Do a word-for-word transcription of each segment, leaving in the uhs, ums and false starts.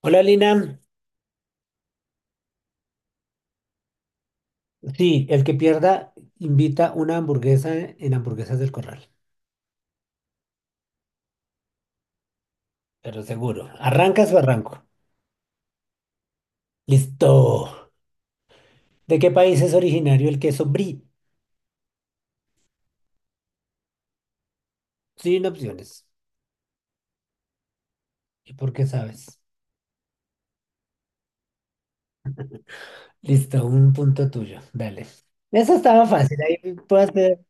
Hola Lina, sí, el que pierda invita una hamburguesa en Hamburguesas del Corral, pero seguro. ¿Arrancas o arranco? Listo. ¿De qué país es originario el queso brie? Sin opciones. ¿Y por qué sabes? Listo, un punto tuyo. Dale. Eso estaba fácil, ahí puedo hacer.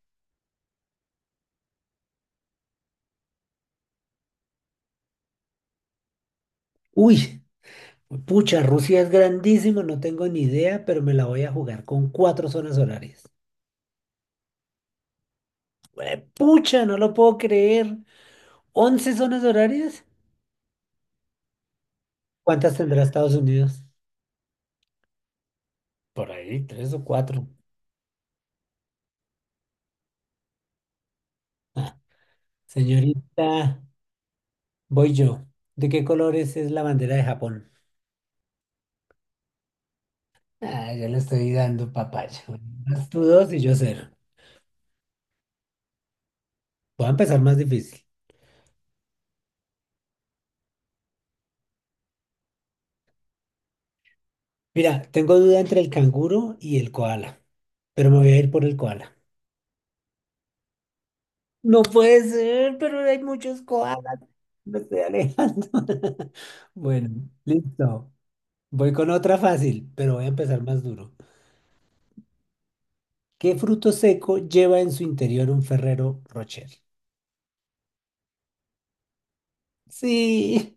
Uy, pucha, Rusia es grandísimo, no tengo ni idea, pero me la voy a jugar con cuatro zonas horarias. Pucha, no lo puedo creer. ¿Once zonas horarias? ¿Cuántas tendrá Estados Unidos? Por ahí, tres o cuatro. Señorita, voy yo. ¿De qué colores es la bandera de Japón? Ah, yo le estoy dando papaya. Vas tú dos y yo cero. Voy a empezar más difícil. Mira, tengo duda entre el canguro y el koala, pero me voy a ir por el koala. No puede ser, pero hay muchos koalas. Me estoy alejando. Bueno, listo. Voy con otra fácil, pero voy a empezar más duro. ¿Qué fruto seco lleva en su interior un Ferrero Rocher? Sí.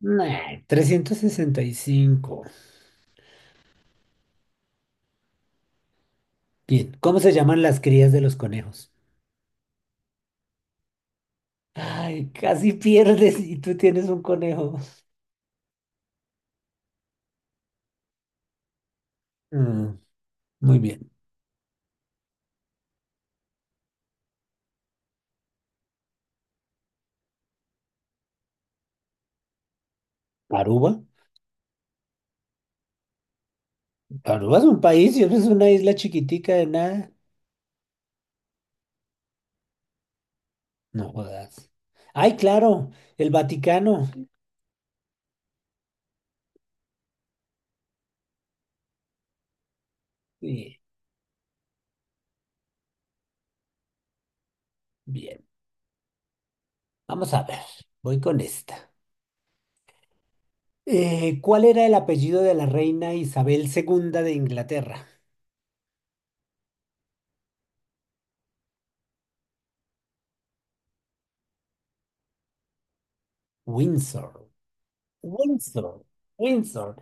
Nah, trescientos sesenta y cinco. Bien, ¿cómo se llaman las crías de los conejos? Ay, casi pierdes y tú tienes un conejo. Mm, muy bien. ¿Aruba? Aruba es un país y eso es una isla chiquitica de nada. No jodas. Ay, claro, el Vaticano. Bien, bien. Vamos a ver, voy con esta. Eh, ¿cuál era el apellido de la reina Isabel segunda de Inglaterra? Windsor. Windsor. Windsor.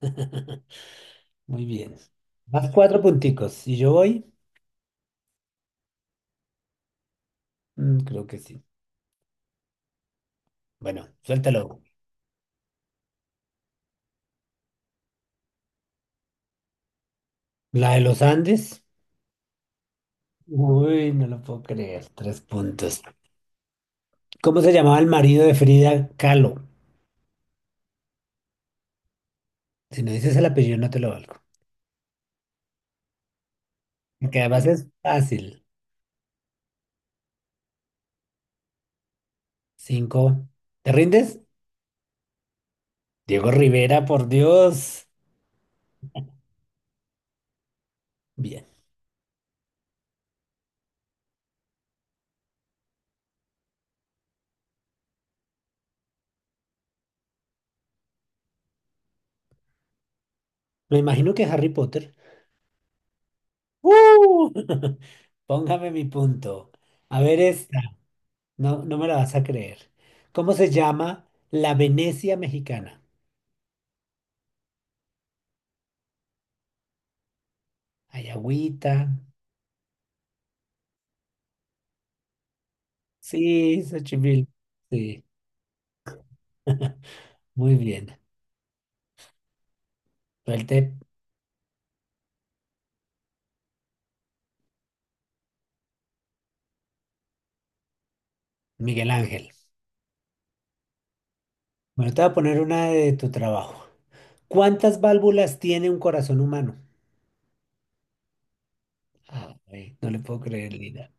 Muy bien. Más cuatro punticos. ¿Y yo voy? Mm, creo que sí. Bueno, suéltalo. La de los Andes. Uy, no lo puedo creer. Tres puntos. ¿Cómo se llamaba el marido de Frida Kahlo? Si no dices el apellido, no te lo valgo. Porque además es fácil. Cinco. ¿Te rindes? Diego Rivera, por Dios. Bien. Me imagino que Harry Potter. ¡Uh! Póngame mi punto. A ver, es... No, no me la vas a creer. ¿Cómo se llama la Venecia mexicana? Ayagüita. Sí, Xochimilco. Sí, muy bien. Suelte, Miguel Ángel. Bueno, te voy a poner una de tu trabajo. ¿Cuántas válvulas tiene un corazón humano? Ay, no le puedo creer, Lina.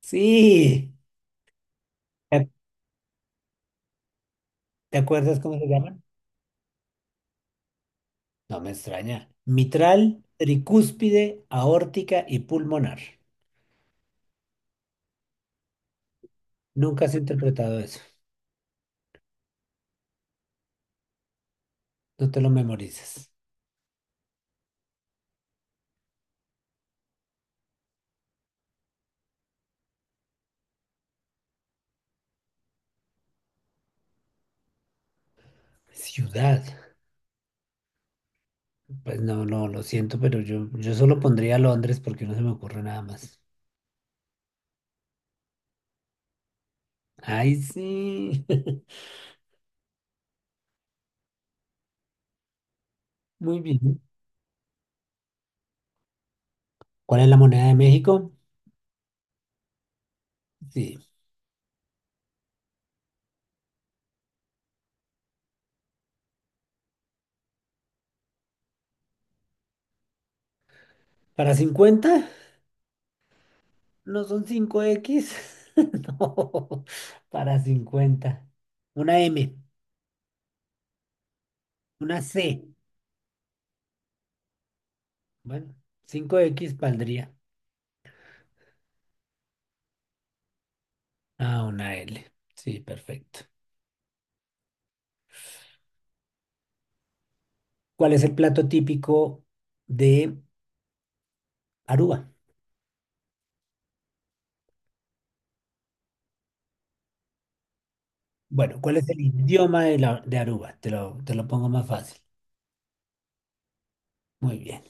Sí. ¿Te te acuerdas cómo se llaman? No me extraña. Mitral, tricúspide, aórtica y pulmonar. Nunca has interpretado eso. No te lo memorices. Ciudad. Pues no, no, lo siento, pero yo, yo solo pondría Londres porque no se me ocurre nada más. Ay, sí. Muy bien. ¿Cuál es la moneda de México? Sí. ¿Para cincuenta? ¿No son cinco x? No, para cincuenta, una M, una C. Bueno, cinco x valdría. Ah, una L. Sí, perfecto. ¿Cuál es el plato típico de Aruba? Bueno, ¿cuál es el idioma de, la- de Aruba? Te lo, te lo pongo más fácil. Muy bien.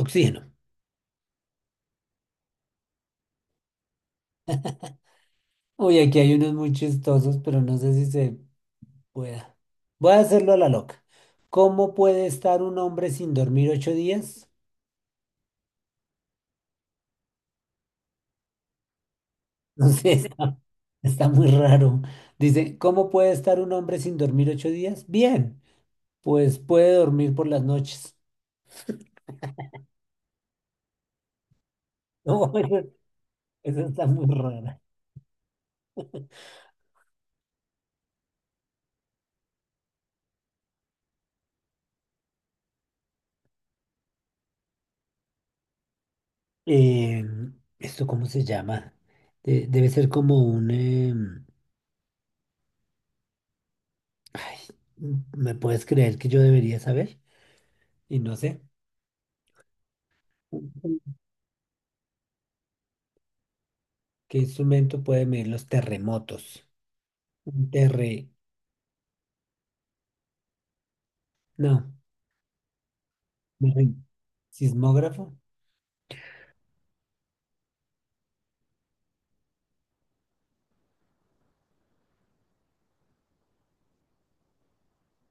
Oxígeno. Uy, aquí hay unos muy chistosos, pero no sé si se pueda. Voy a hacerlo a la loca. ¿Cómo puede estar un hombre sin dormir ocho días? No sé, está, está muy raro. Dice: ¿cómo puede estar un hombre sin dormir ocho días? Bien, pues puede dormir por las noches. No, eso, eso está muy raro. Eh, ¿esto cómo se llama? De- debe ser como un... eh, ay, ¿me puedes creer que yo debería saber? Y no sé. ¿Qué instrumento puede medir los terremotos? Un terre... No, me rindo. ¿Sismógrafo?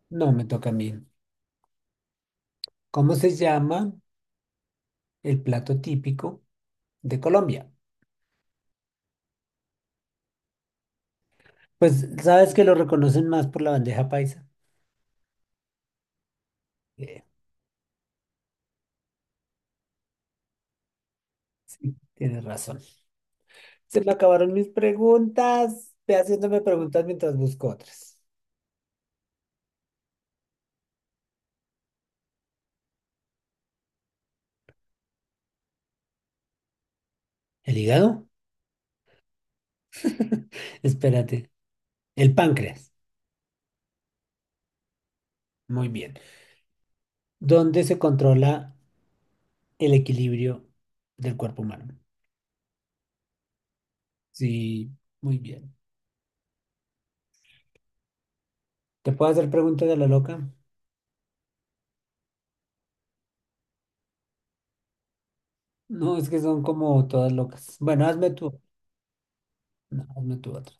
No, me toca a mí. ¿Cómo se llama el plato típico de Colombia? Pues sabes que lo reconocen más por la bandeja paisa. Eh, sí, tienes razón. Se me acabaron mis preguntas. Ve haciéndome preguntas mientras busco otras. ¿El hígado? Espérate. El páncreas. Muy bien. Donde se controla el equilibrio del cuerpo humano. Sí, muy bien. ¿Te puedo hacer preguntas de la loca? No, es que son como todas locas. Bueno, hazme tú. No, hazme tú otras.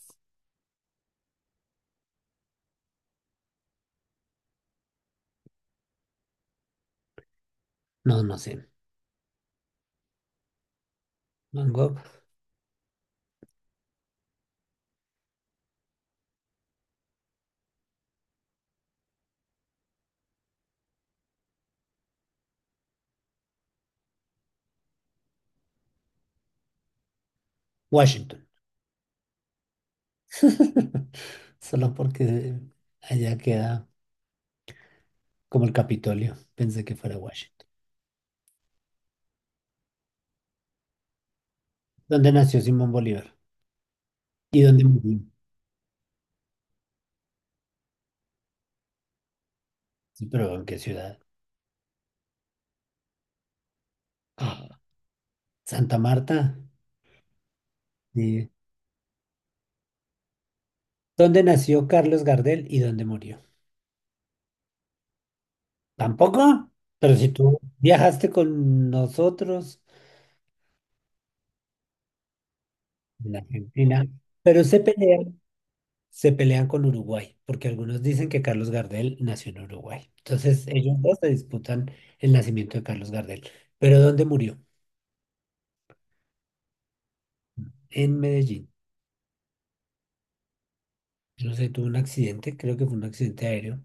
No, no sé. Van Gogh, Washington. Solo porque allá queda como el Capitolio. Pensé que fuera Washington. ¿Dónde nació Simón Bolívar? ¿Y dónde murió? Sí, pero ¿en qué ciudad? Ah, Santa Marta. Sí. ¿Dónde nació Carlos Gardel y dónde murió? ¿Tampoco? Pero si tú viajaste con nosotros en Argentina, pero se pelean, se pelean con Uruguay, porque algunos dicen que Carlos Gardel nació en Uruguay. Entonces ellos dos se disputan el nacimiento de Carlos Gardel. ¿Pero dónde murió? En Medellín. No sé, tuvo un accidente, creo que fue un accidente aéreo.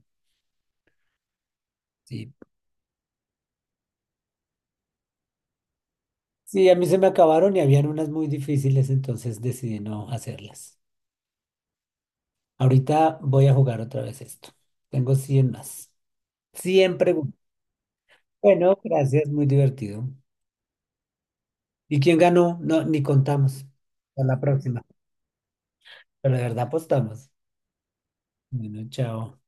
Sí. Sí, a mí se me acabaron y habían unas muy difíciles, entonces decidí no hacerlas. Ahorita voy a jugar otra vez esto. Tengo cien más. Siempre. Bueno, gracias, muy divertido. ¿Y quién ganó? No, ni contamos. Hasta la próxima. Pero de verdad apostamos. Bueno, chao.